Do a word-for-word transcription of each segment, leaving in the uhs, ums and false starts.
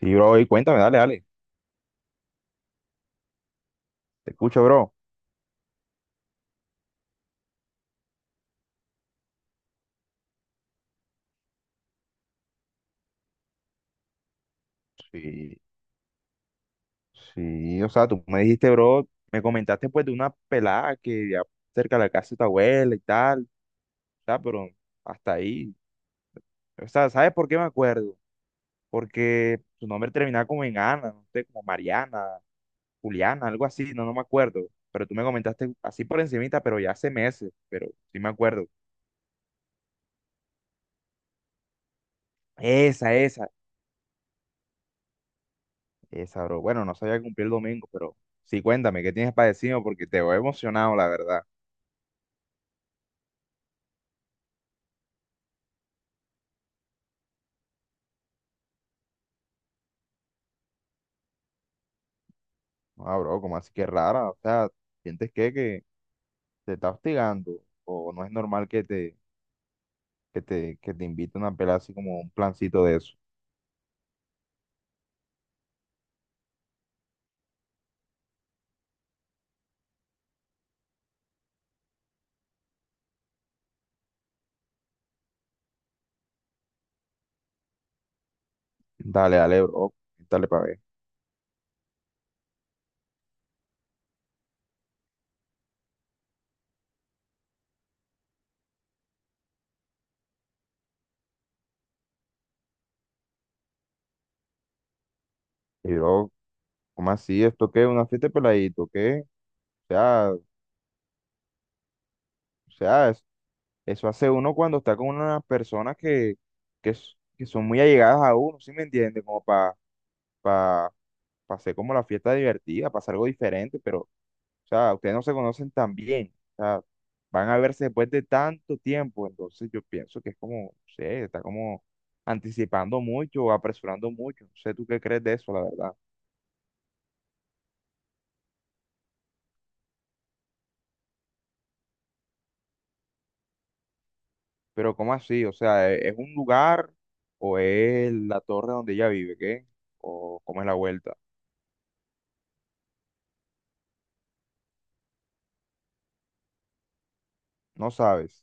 Sí, bro, y cuéntame, dale, dale. Te escucho, bro. Sí, sí, o sea, tú me dijiste, bro, me comentaste pues de una pelada que ya cerca de la casa de tu abuela y tal, o sea, pero hasta ahí. O sea, ¿sabes por qué me acuerdo? Porque su nombre terminaba como en Ana, no sé, como Mariana, Juliana, algo así, no, no me acuerdo. Pero tú me comentaste así por encimita, pero ya hace meses, pero sí me acuerdo. Esa, esa, esa, bro. Bueno, no sabía cumplir el domingo, pero sí, cuéntame, ¿qué tienes para decirme? Porque te veo emocionado, la verdad. Ah, bro, como así que rara? O sea, ¿sientes que, que te está hostigando? ¿O no es normal que te, que te, que te inviten a pelar así como un plancito de eso? Dale, dale, bro, dale para ver. Y bro, ¿cómo así? ¿Esto qué? ¿Una fiesta de peladito? ¿Qué? O sea, o sea, es- Eso hace uno cuando está con unas personas que, que, s- que son muy allegadas a uno, ¿sí me entiendes? Como para pa, pa pa hacer como la fiesta divertida, para hacer algo diferente, pero... O sea, ustedes no se conocen tan bien. O sea, van a verse después de tanto tiempo. Entonces yo pienso que es como, no sé, está como anticipando mucho o apresurando mucho. No sé tú qué crees de eso, la verdad. Pero ¿cómo así? O sea, ¿e- ¿es un lugar o es la torre donde ella vive? ¿Qué? ¿O cómo es la vuelta? No sabes.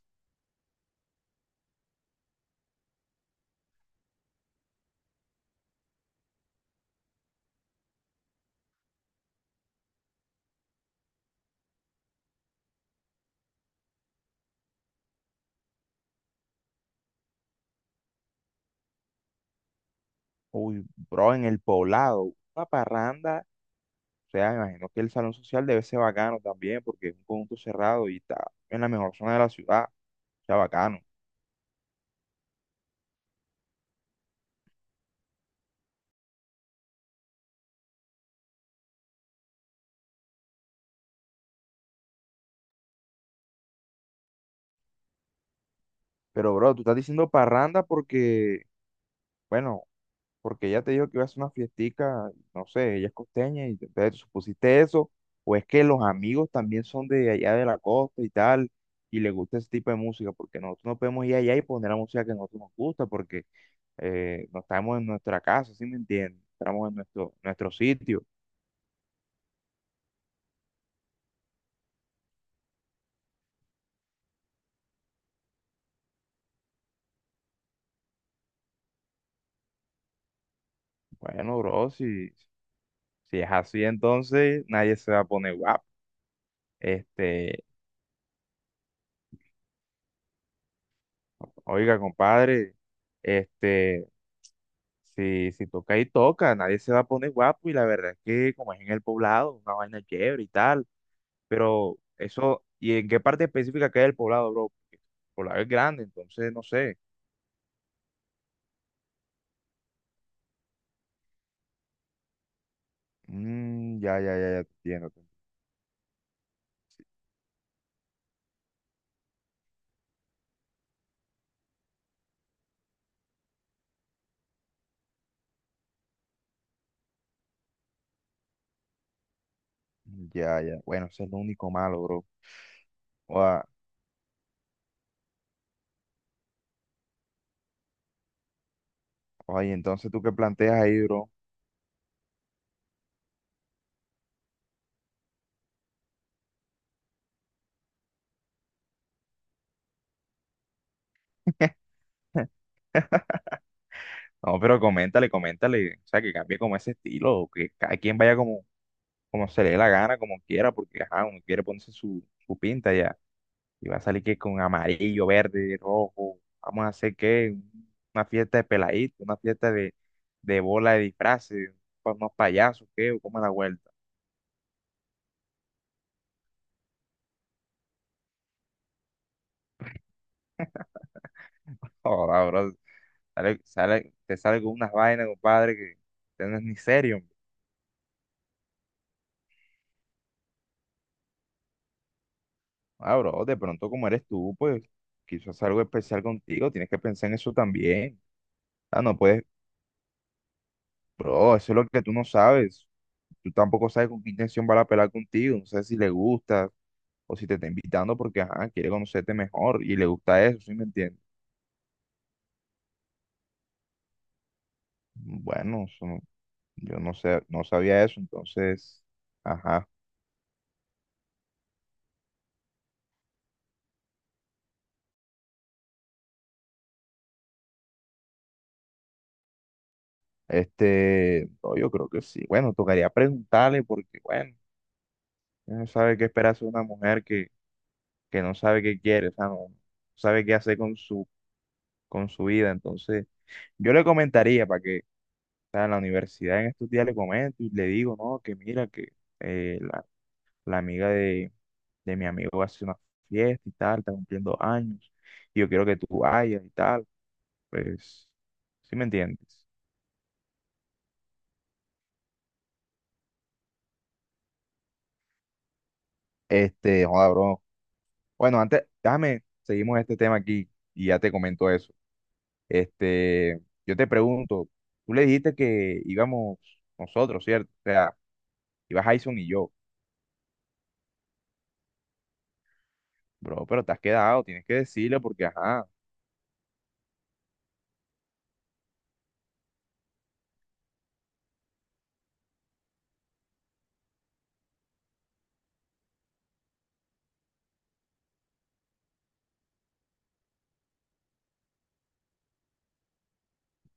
Uy, bro, en el poblado, una parranda. O sea, me imagino que el salón social debe ser bacano también porque es un conjunto cerrado y está en la mejor zona de la ciudad. O sea, bacano. Pero, bro, tú estás diciendo parranda porque, bueno, porque ella te dijo que iba a hacer una fiestica, no sé, ella es costeña y entonces tú supusiste eso, o es que los amigos también son de allá de la costa y tal, y les gusta ese tipo de música, porque nosotros no podemos ir allá y poner la música que a nosotros nos gusta, porque eh, no estamos en nuestra casa, ¿sí me entiendes? Estamos en nuestro, nuestro sitio. Bueno, bro, si, si es así, entonces nadie se va a poner guapo. Este, oiga, compadre, este. Si, si toca y toca, nadie se va a poner guapo y la verdad es que como es en el poblado, una vaina chévere y tal, pero eso, ¿y en qué parte específica queda el poblado, bro? Porque el poblado es grande, entonces no sé. Mm, ya, ya, ya, ya te entiendo. te- Ya, ya. Bueno, ese es lo único malo, bro. Oa- Oye, entonces tú qué planteas ahí, bro. No, pero coméntale, coméntale, o sea, que cambie como ese estilo, o que cada quien vaya como, como se le dé la gana, como quiera, porque ajá, uno quiere ponerse su, su pinta ya. Y va a salir que con amarillo, verde, rojo. Vamos a hacer que una fiesta de peladito, una fiesta de, de bola de disfraces, pa- unos payasos, ¿qué? ¿O cómo es la vuelta? Ahora, bro, sale, sale- te sale con unas vainas, compadre, que que no es ni serio, hombre. Ah, bro, de pronto como eres tú, pues quizás algo especial contigo, tienes que pensar en eso también. Ah, no puedes, bro, eso es lo que tú no sabes. Tú tampoco sabes con qué intención va a pelar contigo, no sé si le gusta o si te está invitando porque ajá, quiere conocerte mejor y le gusta eso, ¿sí me entiendes? Bueno, eso no- Yo no sé, no sabía eso, entonces, ajá, este, no, yo creo que sí. Bueno, tocaría preguntarle porque, bueno, uno no sabe qué esperarse de una mujer que, que no sabe qué quiere, o sea, no no sabe qué hacer con su, con su vida, entonces, yo le comentaría para que, o sea, en la universidad en estos días le comento y le digo, no, que mira, que... eh, la amiga de, de mi amigo va a hacer una fiesta y tal, está cumpliendo años, y yo quiero que tú vayas y tal, pues, ¿sí me entiendes? Este, joda, bro. Bueno, antes, déjame, seguimos este tema aquí y ya te comento eso. Este, yo te pregunto, tú le dijiste que íbamos nosotros, ¿cierto? O sea, ibas Jason y yo, bro, pero te has quedado, tienes que decirle porque, ajá,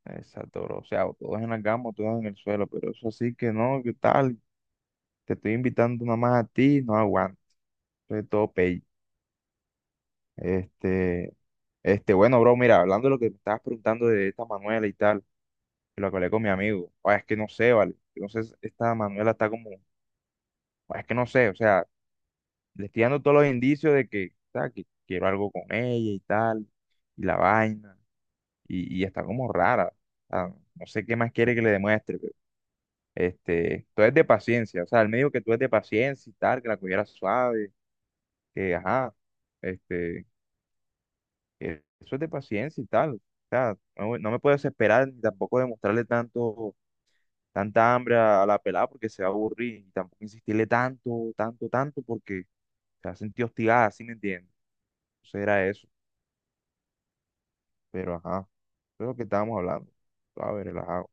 exacto, bro. O sea, o todos en la cama, o todos en el suelo, pero eso sí que no, ¿qué tal? Te estoy invitando nada más a ti, no aguanto, es todo pay. Este, este, bueno, bro, mira, hablando de lo que me estabas preguntando de esta Manuela y tal, que lo que hablé con mi amigo, o es que no sé, vale, no sé, esta Manuela está como, "Oye, es que no sé, o sea, le estoy dando todos los indicios de que, o sea, que quiero algo con ella y tal, y la vaina, y, y está como rara, o sea, no sé qué más quiere que le demuestre, pero, este, tú eres de paciencia, o sea, él me dijo que tú eres de paciencia y tal, que la cogiera suave, que, ajá, este eh, eso es de paciencia y tal. O sea, no, no me puedo desesperar ni tampoco demostrarle tanto, tanta hambre a, a la pelada porque se va a aburrir. Y tampoco insistirle tanto, tanto, tanto porque se va a sentir hostigada, ¿sí me entiendes? Eso era eso. Pero ajá, eso es lo que estábamos hablando. A ver, relajado.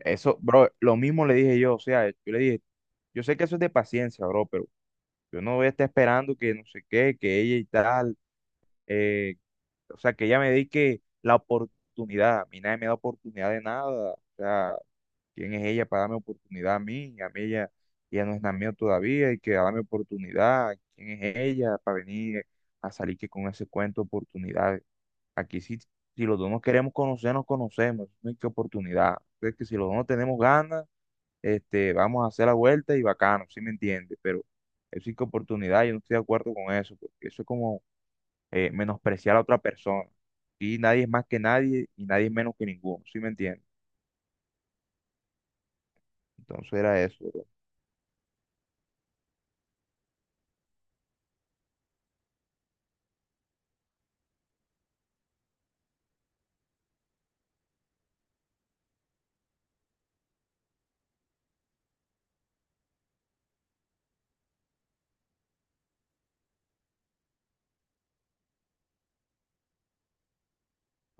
Eso, bro, lo mismo le dije yo. O sea, yo le dije, yo sé que eso es de paciencia, bro, pero yo no voy a estar esperando que no sé qué, que ella y tal. Eh, o sea, que ella me dedique la oportunidad. A mí nadie me da oportunidad de nada. O sea, ¿quién es ella para darme oportunidad a mí? A mí ella, ella no es nada mía todavía y que darme oportunidad. ¿Quién es ella para venir a salir que con ese cuento de oportunidad? Aquí sí, si los dos nos queremos conocer, nos conocemos. No hay que oportunidad. Es que si los dos no tenemos ganas, este, vamos a hacer la vuelta y bacano, ¿sí me entiendes? Pero es sí que oportunidad, yo no estoy de acuerdo con eso, porque eso es como eh, menospreciar a otra persona. Y nadie es más que nadie y nadie es menos que ninguno, ¿sí me entiendes? Entonces era eso, bro.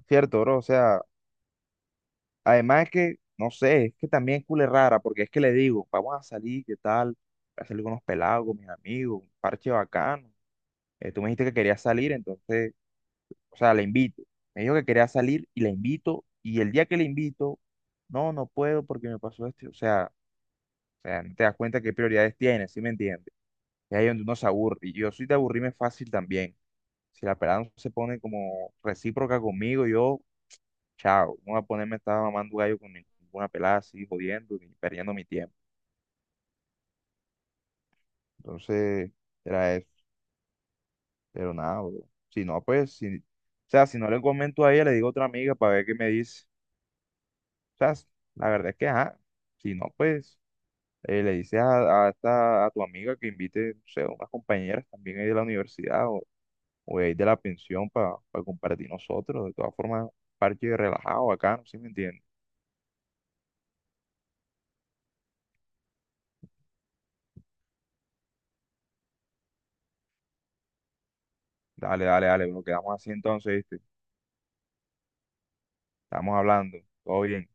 Cierto, bro, o sea, además que, no sé, es que también es cule rara, porque es que le digo, vamos a salir, ¿qué tal? Voy a salir con unos pelados, con mis amigos, un parche bacano. Eh, tú me dijiste que querías salir, entonces, o sea, la invito. Me dijo que quería salir y la invito, y el día que la invito, no, no puedo porque me pasó esto. O sea, o sea, no te das cuenta qué prioridades tienes, ¿sí me entiendes? Y ahí es donde uno se aburre. Y yo soy de aburrirme fácil también. Si la pelada no se pone como recíproca conmigo, yo chao, no voy a ponerme a estar mamando gallo con ninguna pelada así, jodiendo y perdiendo mi tiempo. Entonces, era eso. Pero nada, bro. Si no, pues, si, o sea, si no le comento a ella, le digo a otra amiga para ver qué me dice. O sea, s- la verdad es que, ajá, si no, pues, eh, le dices a, a, esta- a tu amiga que invite, no sé, unas compañeras también ahí de la universidad o, o de ahí de la pensión para compartir nosotros. De todas formas, parche relajado, acá, ¿no? ¿Sí me entiendes? Dale, dale, dale, bro, quedamos así entonces, ¿viste? Estamos hablando, todo bien.